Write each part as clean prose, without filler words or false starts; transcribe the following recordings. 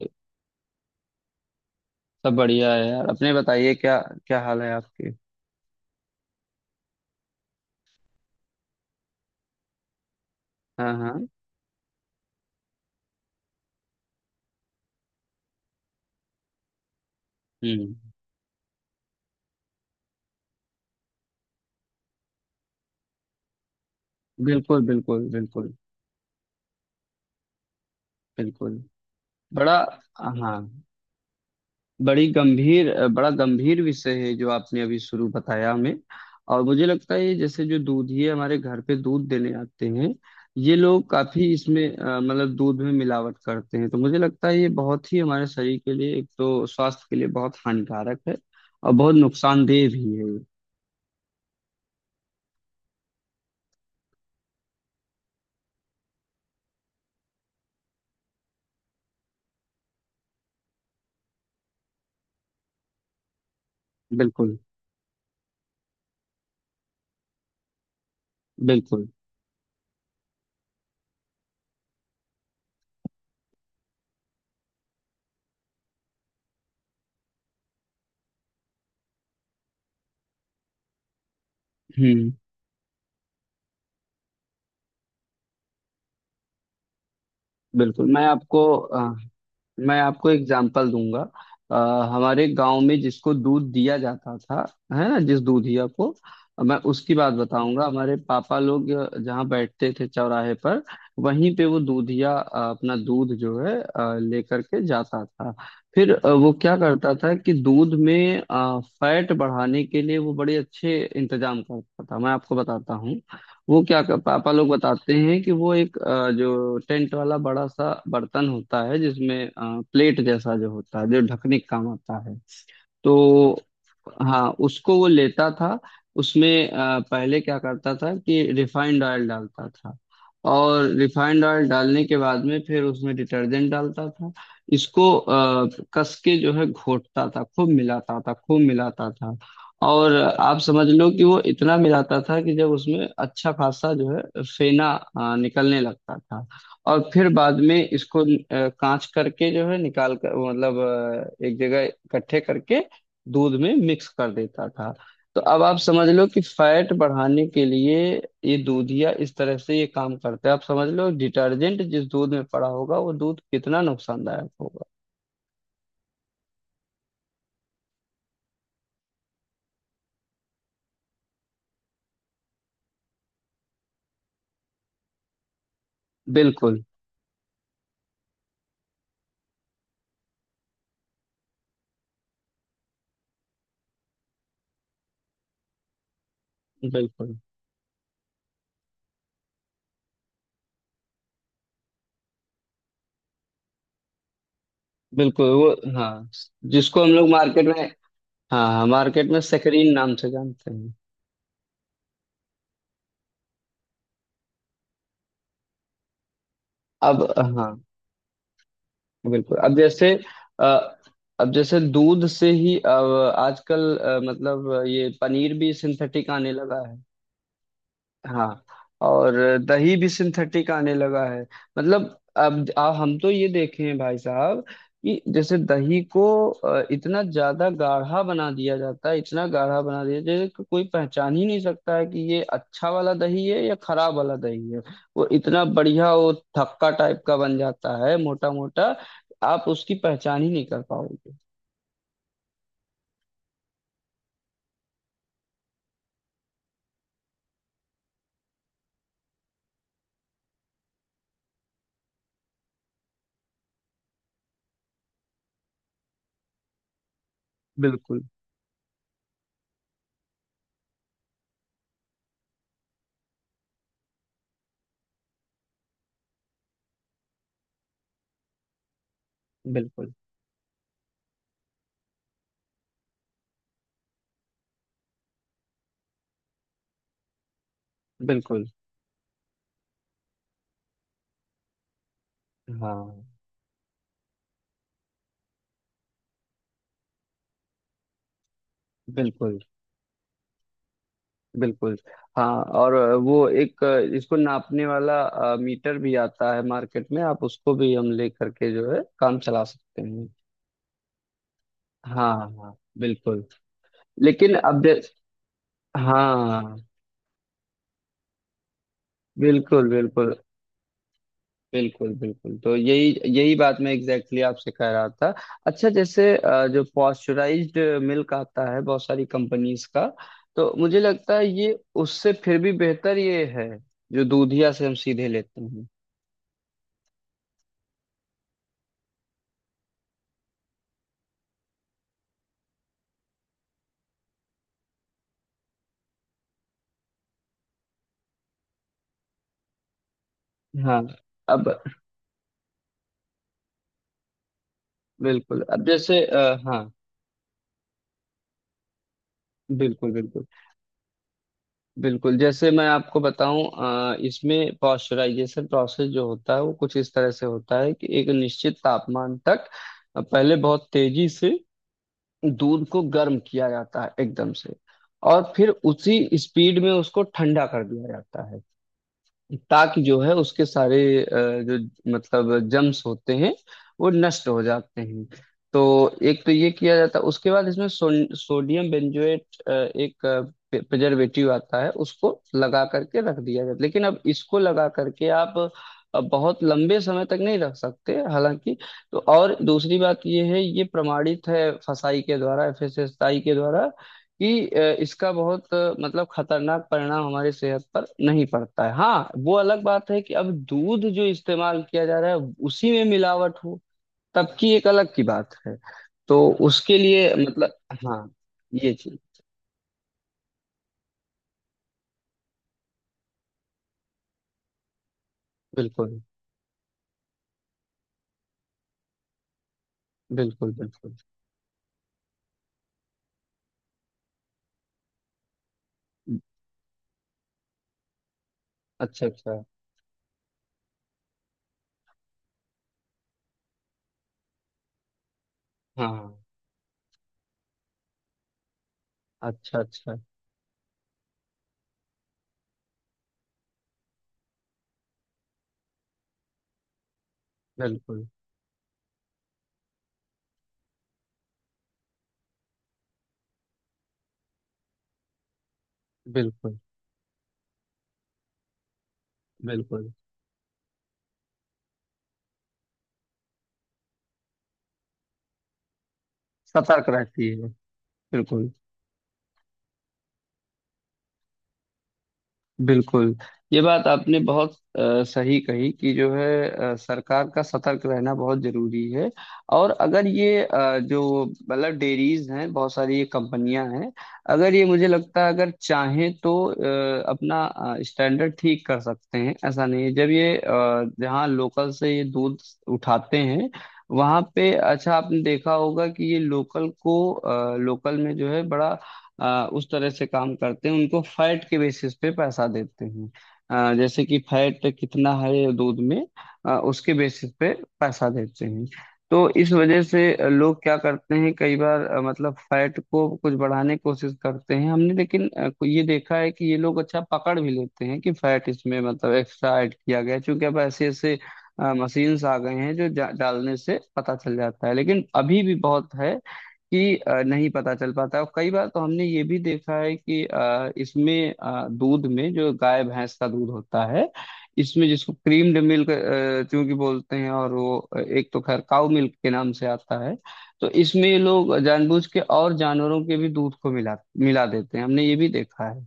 सब। बढ़िया है यार, अपने बताइए क्या क्या हाल है आपके। हाँ, हाँ। हम्म। बिल्कुल, बिल्कुल, बिल्कुल। बिल्कुल। बड़ा। हाँ। बड़ा गंभीर विषय है जो आपने अभी शुरू बताया हमें। और मुझे लगता है ये जैसे जो दूधिए हमारे घर पे दूध देने आते हैं, ये लोग काफी इसमें मतलब दूध में मिलावट करते हैं। तो मुझे लगता है ये बहुत ही हमारे शरीर के लिए, एक तो स्वास्थ्य के लिए बहुत हानिकारक है। और बहुत नुकसानदेह भी है ये। बिल्कुल, बिल्कुल। हम्म। बिल्कुल। मैं आपको एग्जाम्पल दूंगा। अ, हमारे गांव में जिसको दूध दिया जाता था, है ना, जिस दूधिया को, मैं उसकी बात बताऊंगा। हमारे पापा लोग जहाँ बैठते थे चौराहे पर, वहीं पे वो दूधिया अपना दूध जो है लेकर के जाता था। फिर वो क्या करता था कि दूध में फैट बढ़ाने के लिए वो बड़े अच्छे इंतजाम करता था, मैं आपको बताता। पापा लोग बताते हैं कि वो एक जो टेंट वाला बड़ा सा बर्तन होता है जिसमें प्लेट जैसा जो होता है जो ढकने का काम आता है, तो। हाँ, उसको वो लेता था। उसमें पहले क्या करता था कि रिफाइंड ऑयल डालता था। और रिफाइंड ऑयल डालने के बाद में फिर उसमें डिटर्जेंट डालता था। इसको कस के जो है घोटता था, खूब मिलाता था, खूब मिलाता था। और आप समझ लो कि वो इतना मिलाता था कि जब उसमें अच्छा खासा जो है फेना निकलने लगता था। और फिर बाद में इसको कांच करके जो है निकाल कर मतलब एक जगह इकट्ठे करके दूध में मिक्स कर देता था। तो अब आप समझ लो कि फैट बढ़ाने के लिए ये दूधिया इस तरह से ये काम करता है। आप समझ लो, डिटर्जेंट जिस दूध में पड़ा होगा वो दूध कितना नुकसानदायक होगा। बिल्कुल, बिल्कुल, बिल्कुल। वो। हाँ, जिसको हम लोग मार्केट में। हाँ, हाँ, मार्केट में सेक्रीन नाम से जानते हैं। अब। हाँ, बिल्कुल। अ, अब जैसे दूध से ही अब आजकल मतलब ये पनीर भी सिंथेटिक आने लगा। हाँ। और दही भी सिंथेटिक आने लगा है। मतलब अब हम तो ये देखे हैं भाई साहब कि जैसे दही को इतना ज्यादा गाढ़ा बना दिया जाता है, इतना गाढ़ा बना दिया जैसे कि कोई पहचान ही नहीं सकता है कि ये अच्छा वाला दही है या खराब वाला दही है। वो इतना बढ़िया वो थक्का टाइप का बन जाता है, मोटा मोटा। आप उसकी पहचान ही नहीं कर पाओगे। बिल्कुल, बिल्कुल, बिल्कुल। हाँ। बिल्कुल, बिल्कुल। हाँ। और वो एक इसको नापने वाला मीटर भी आता है मार्केट में, आप उसको भी हम ले करके जो है काम चला सकते हैं। हाँ, हाँ, बिल्कुल। लेकिन अब जै- हाँ। बिल्कुल, बिल्कुल, बिल्कुल, बिल्कुल। तो यही यही बात मैं एग्जैक्टली exactly आपसे कह रहा था। अच्छा, जैसे जो पॉस्चराइज्ड मिल्क आता है, बहुत सारी कंपनीज का, तो मुझे लगता है ये उससे फिर भी बेहतर ये है जो दूधिया से हम सीधे लेते हैं। हाँ। अब। बिल्कुल। अब जैसे हाँ। बिल्कुल, बिल्कुल, बिल्कुल। जैसे मैं आपको बताऊं इसमें पॉस्चराइजेशन प्रोसेस जो होता है वो कुछ इस तरह से होता है कि एक निश्चित तापमान तक पहले बहुत तेजी से दूध को गर्म किया जाता है एकदम से। और फिर उसी स्पीड में उसको ठंडा कर दिया जाता है, ताकि जो है उसके सारे जो, मतलब जम्स होते हैं, वो नष्ट हो जाते हैं। तो एक तो ये किया जाता है, उसके बाद इसमें सोडियम बेंजोएट एक प्रिजर्वेटिव आता है, उसको लगा करके रख दिया जाता है। लेकिन अब इसको लगा करके आप बहुत लंबे समय तक नहीं रख सकते, हालांकि। तो और दूसरी बात ये है, ये प्रमाणित है फसाई के द्वारा एफएसएसआई के द्वारा कि इसका बहुत मतलब खतरनाक परिणाम हमारी सेहत पर नहीं पड़ता है। हाँ, वो अलग बात है कि अब दूध जो इस्तेमाल किया जा रहा है उसी में मिलावट हो, तब की एक अलग की बात है। तो उसके लिए मतलब। हाँ। ये चीज। बिल्कुल, बिल्कुल, बिल्कुल। अच्छा, अच्छा। हाँ। अच्छा, अच्छा। बिल्कुल, बिल्कुल, बिल्कुल। सतर्क रहती है। बिल्कुल, बिल्कुल। ये बात आपने बहुत सही कही कि जो है सरकार का सतर्क रहना बहुत जरूरी है। और अगर ये जो, मतलब डेयरीज हैं, बहुत सारी ये कंपनियां हैं, अगर ये मुझे लगता है अगर चाहें तो अपना स्टैंडर्ड ठीक कर सकते हैं। ऐसा नहीं है, जब ये जहाँ लोकल से ये दूध उठाते हैं, वहां पे अच्छा, आपने देखा होगा कि ये लोकल को, लोकल में जो है बड़ा उस तरह से काम करते हैं, उनको फैट के बेसिस पे पैसा देते हैं। जैसे कि फैट कितना है दूध में, उसके बेसिस पे पैसा देते हैं। तो इस वजह से लोग क्या करते हैं, कई बार मतलब फैट को कुछ बढ़ाने की कोशिश करते हैं हमने, लेकिन ये देखा है कि ये लोग अच्छा पकड़ भी लेते हैं कि फैट इसमें मतलब एक्स्ट्रा ऐड किया गया है। क्योंकि अब ऐसे ऐसे मशीन्स आ गए हैं, जो डालने से पता चल जाता है। लेकिन अभी भी बहुत है कि नहीं पता चल पाता है। और कई बार तो हमने ये भी देखा है कि इसमें दूध में जो गाय भैंस का दूध होता है, इसमें जिसको क्रीम्ड मिल्क चूंकि बोलते हैं, और वो एक तो खैर काउ मिल्क के नाम से आता है। तो इसमें ये लोग जानबूझ के और जानवरों के भी दूध को मिला मिला देते हैं, हमने ये भी देखा है।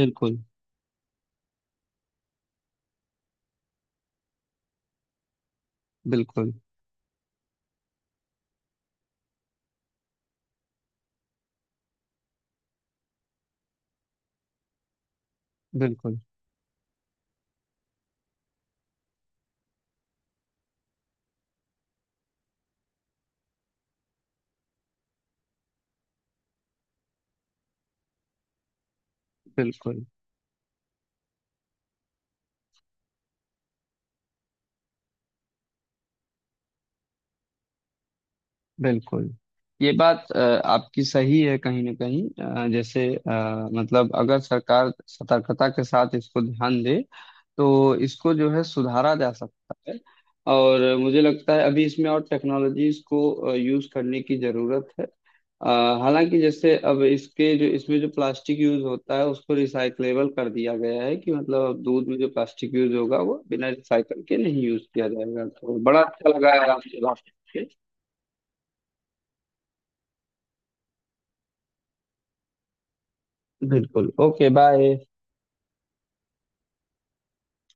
बिल्कुल, बिल्कुल, बिल्कुल। बिल्कुल, बिल्कुल। ये बात आपकी सही है कहीं ना कहीं। जैसे मतलब, अगर सरकार सतर्कता के साथ इसको ध्यान दे, तो इसको जो है सुधारा जा सकता है। और मुझे लगता है अभी इसमें और टेक्नोलॉजीज को यूज करने की जरूरत है। अ, हालांकि जैसे अब इसके जो इसमें जो प्लास्टिक यूज होता है उसको रिसाइकलेबल कर दिया गया है कि मतलब अब दूध में जो प्लास्टिक यूज होगा वो बिना रिसाइकल के नहीं यूज किया जाएगा। तो बड़ा अच्छा लगा यार आपसे बात। बिल्कुल। Okay, bye.